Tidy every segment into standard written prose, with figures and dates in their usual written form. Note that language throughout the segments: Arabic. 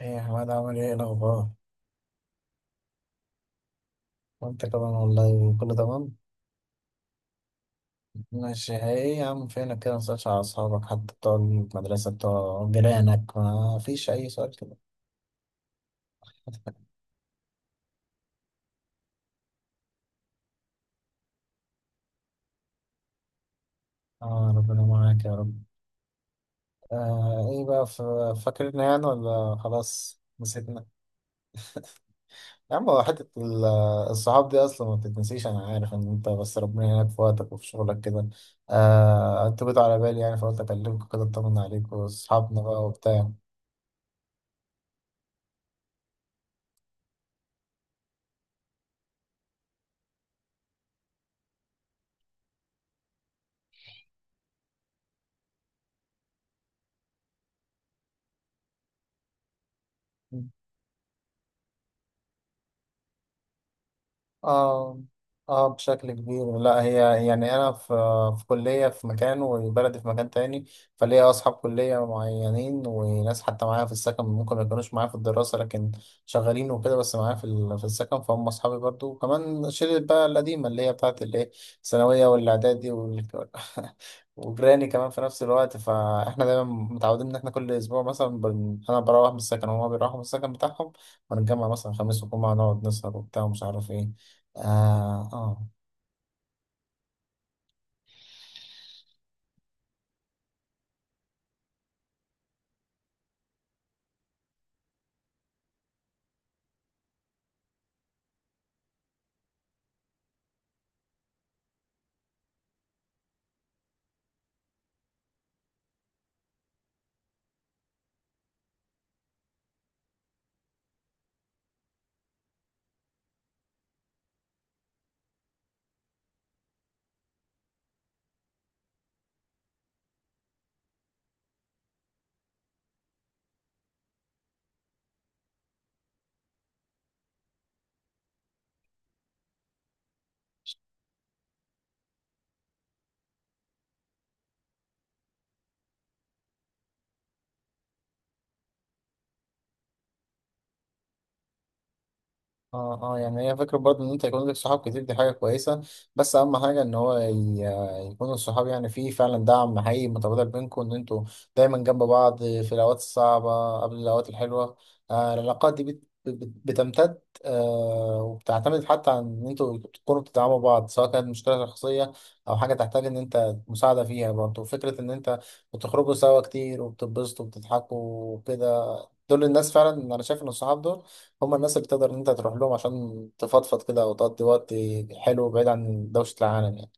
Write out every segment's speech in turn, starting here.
ايه يا حماد، عامل ايه؟ إيه الاخبار؟ وانت كمان والله كله تمام. ماشي. ايه يا عم فينك كده، مسألش على اصحابك حتى بتوع المدرسه بتوع جيرانك، ما فيش اي سؤال كده؟ اه، ربنا معاك يا رب. آه، ايه بقى فاكرنا يعني ولا خلاص نسيتنا؟ يا عم هو حته الصحاب دي اصلا ما بتتنسيش، انا عارف ان انت بس ربنا يعينك في وقتك وفي شغلك كده. آه انت بقيت على بالي يعني فقلت اكلمك كده اطمن عليك واصحابنا بقى وبتاع. اه اه، بشكل كبير. لا هي يعني انا في كليه في مكان وبلدي في مكان تاني، فليا اصحاب كليه معينين وناس حتى معايا في السكن ممكن ما يكونوش معايا في الدراسه، لكن شغالين وكده، بس معايا في في السكن، فهم اصحابي برضو. وكمان شله بقى القديمه اللي هي بتاعت الايه، الثانويه والاعدادي وجيراني كمان في نفس الوقت، فاحنا دايما متعودين ان احنا كل اسبوع مثلا انا بروح من السكن وهما بيروحوا من السكن بتاعهم، ونتجمع مثلا خميس وجمعه نقعد نسهر وبتاع ومش عارف ايه. اه اه اه اه. يعني هي فكرة برضه ان انت يكون لك صحاب كتير، دي حاجة كويسة، بس اهم حاجة ان هو يكون الصحاب يعني فيه فعلا دعم حقيقي متبادل بينكم، ان انتوا دايما جنب بعض في الاوقات الصعبة قبل الاوقات الحلوة. آه، العلاقات دي بت بتمتد، وبتعتمد حتى عن ان انتوا تكونوا بتدعموا بعض سواء كانت مشكلة شخصية او حاجة تحتاج ان انت مساعدة فيها. برضه فكرة ان انت بتخرجوا سوا كتير وبتتبسطوا وبتضحكوا وكده، دول الناس فعلا انا شايف ان الصحاب دول هم الناس اللي تقدر ان انت تروح لهم عشان تفضفض كده او تقضي وقت حلو بعيد عن دوشة العالم يعني.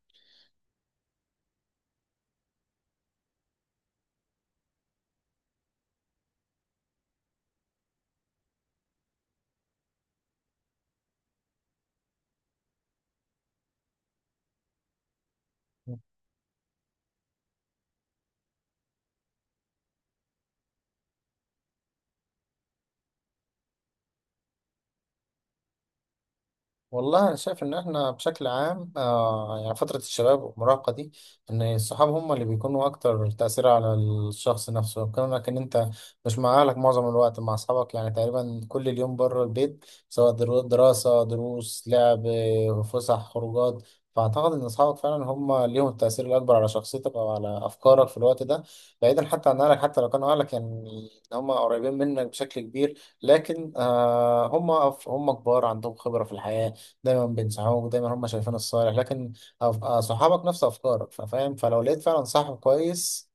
والله أنا شايف إن إحنا بشكل عام، يعني فترة الشباب والمراهقة دي، إن الصحاب هم اللي بيكونوا أكتر تأثير على الشخص نفسه، كونك إن أنت مش مع أهلك معظم الوقت، مع أصحابك يعني تقريبا كل اليوم بره البيت، سواء دراسة دروس لعب، فسح خروجات. فأعتقد إن أصحابك فعلا هم ليهم التأثير الأكبر على شخصيتك أو على أفكارك في الوقت ده، بعيدا حتى عن أهلك. حتى لو كانوا أهلك يعني هم قريبين منك بشكل كبير، لكن آه، هم هم كبار عندهم خبرة في الحياة، دايما بينصحوك، دايما هم شايفين الصالح. لكن صحابك نفس افكارك فاهم، فلو لقيت فعلا صاحب كويس.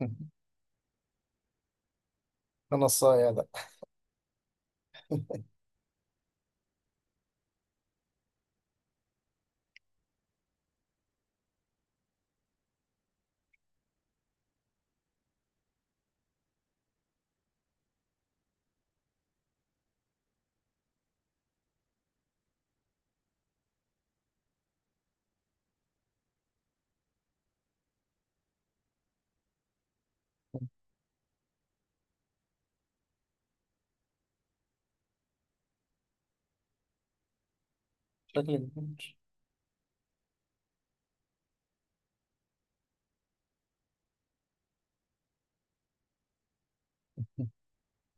انا الصايع ده شكلي كبير.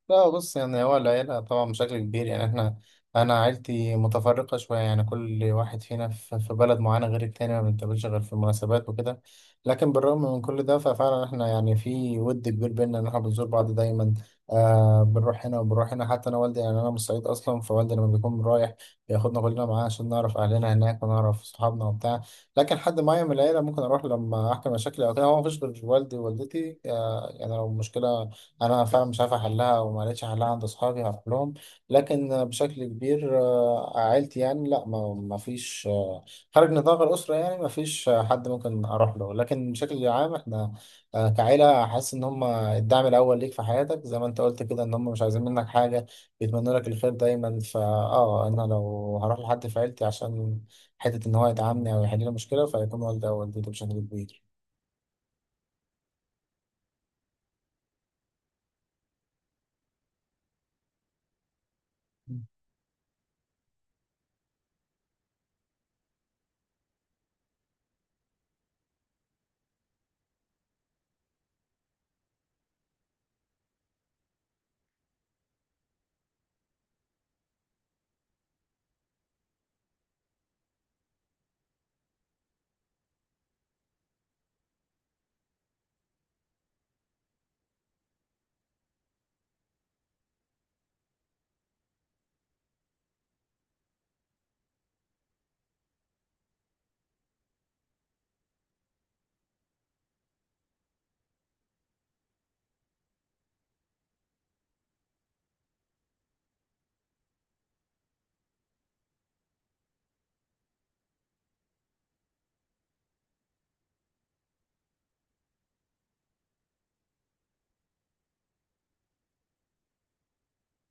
لا بص، يعني هو العيلة طبعا بشكل كبير يعني احنا، أنا عيلتي متفرقة شوية، يعني كل واحد فينا في بلد معينة غير التاني، ما بنتقابلش غير في المناسبات وكده. لكن بالرغم من كل ده ففعلا احنا يعني في ود كبير بينا، إن احنا بنزور بعض دايما، آه بنروح هنا وبنروح هنا. حتى أنا والدي، يعني أنا من الصعيد أصلا، فوالدي لما بيكون رايح بياخدنا كلنا معاه عشان نعرف أهلنا هناك ونعرف صحابنا وبتاع. لكن حد معين من العيلة ممكن أروح لما أحكي مشاكلي أو كده، هو مفيش غير والدي ووالدتي، آه يعني لو مشكلة انا فعلا مش عارف احلها وما لقيتش حلها عند اصحابي هروح لهم. لكن بشكل كبير، آه، عيلتي يعني لا، ما فيش خارج نطاق الاسره، يعني ما فيش حد ممكن اروح له. لكن بشكل عام احنا، كعيله حاسس ان هم الدعم الاول ليك في حياتك، زي ما انت قلت كده، ان هم مش عايزين منك حاجه، بيتمنوا لك الخير دايما. فاه انا لو هروح لحد في عيلتي عشان حته ان هو يدعمني او يحل لي مشكله فهيكون والدي او والدتي بشكل كبير.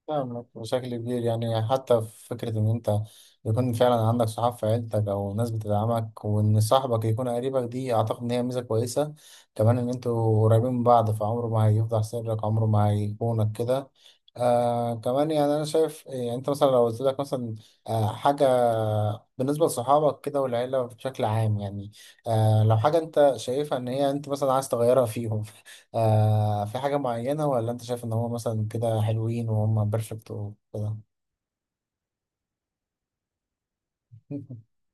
فاهمك بشكل كبير، يعني حتى في فكرة إن أنت يكون فعلا عندك صحاب في عيلتك أو ناس بتدعمك، وإن صاحبك يكون قريبك دي أعتقد إن هي ميزة كويسة، كمان إن أنتوا قريبين من بعض، فعمره ما هيفضح سرك، عمره ما هيخونك كده. آه كمان يعني أنا شايف، يعني أنت مثلا لو قلت لك مثلا آه حاجة بالنسبة لصحابك كده والعيلة بشكل عام يعني، آه لو حاجة أنت شايفها إن هي أنت مثلا عايز تغيرها فيهم، آه في حاجة معينة، ولا أنت شايف إن هو مثلا كده حلوين وهم بيرفكت وكده؟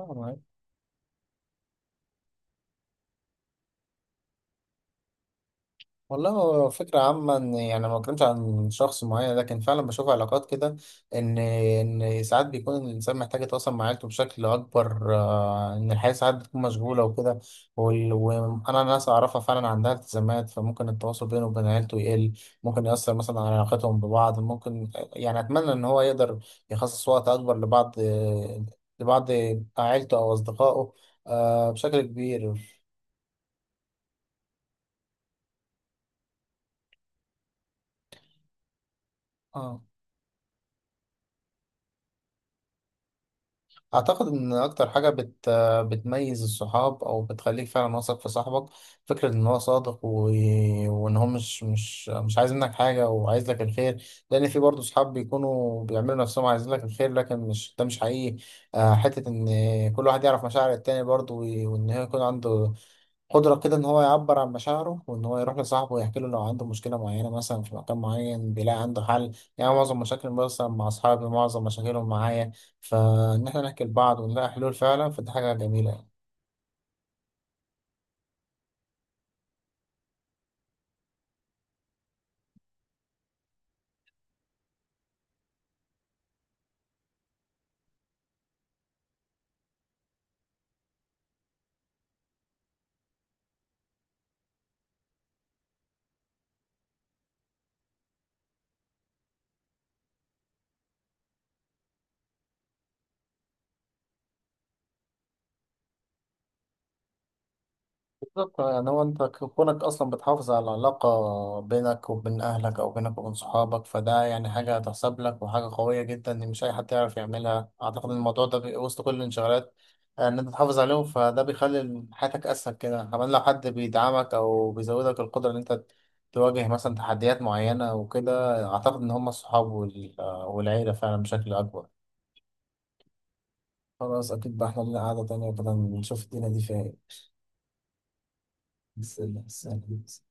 آه، والله هو فكرة عامة، إن يعني ما بتكلمش عن شخص معين، لكن فعلا بشوف علاقات كده، إن ساعات بيكون الإنسان محتاج يتواصل مع عيلته بشكل أكبر، آه، إن الحياة ساعات بتكون مشغولة وكده، وأنا ناس أعرفها فعلا عندها التزامات، فممكن التواصل بينه وبين عيلته يقل، ممكن يأثر مثلا على علاقتهم ببعض. ممكن يعني أتمنى إن هو يقدر يخصص وقت أكبر لبعض، لبعض عيلته أو أصدقائه، آه، بشكل كبير. آه. أعتقد إن أكتر حاجة بتميز الصحاب أو بتخليك فعلا واثق في صاحبك فكرة إن هو صادق، وإن هو مش عايز منك حاجة وعايز لك الخير، لأن في برضه صحاب بيكونوا بيعملوا نفسهم عايزين لك الخير لكن مش ده مش حقيقي. آه، حتة إن كل واحد يعرف مشاعر التاني برضه، و... وإن هو يكون عنده قدرة كده إن هو يعبر عن مشاعره وإن هو يروح لصاحبه ويحكي له لو عنده مشكلة معينة، مثلا في مكان معين بيلاقي عنده حل. يعني معظم مشاكل مثلا مع أصحابي، معظم مشاكلهم معايا، فإن إحنا نحكي لبعض ونلاقي حلول فعلا، فدي حاجة جميلة يعني. بالظبط. يعني هو انت كونك اصلا بتحافظ على العلاقة بينك وبين اهلك او بينك وبين صحابك، فده يعني حاجة هتحسب لك وحاجة قوية جدا ان مش اي حد يعرف يعملها. اعتقد ان الموضوع ده وسط كل الانشغالات، آه، ان انت تحافظ عليهم، فده بيخلي حياتك اسهل كده. كمان لو حد بيدعمك او بيزودك القدرة ان انت تواجه مثلا تحديات معينة وكده، اعتقد ان هم الصحاب والعيلة فعلا بشكل اكبر. خلاص، اكيد بقى احنا لنا قعدة تانية بدل نشوف الدنيا دي فيها ايه. بس- بس-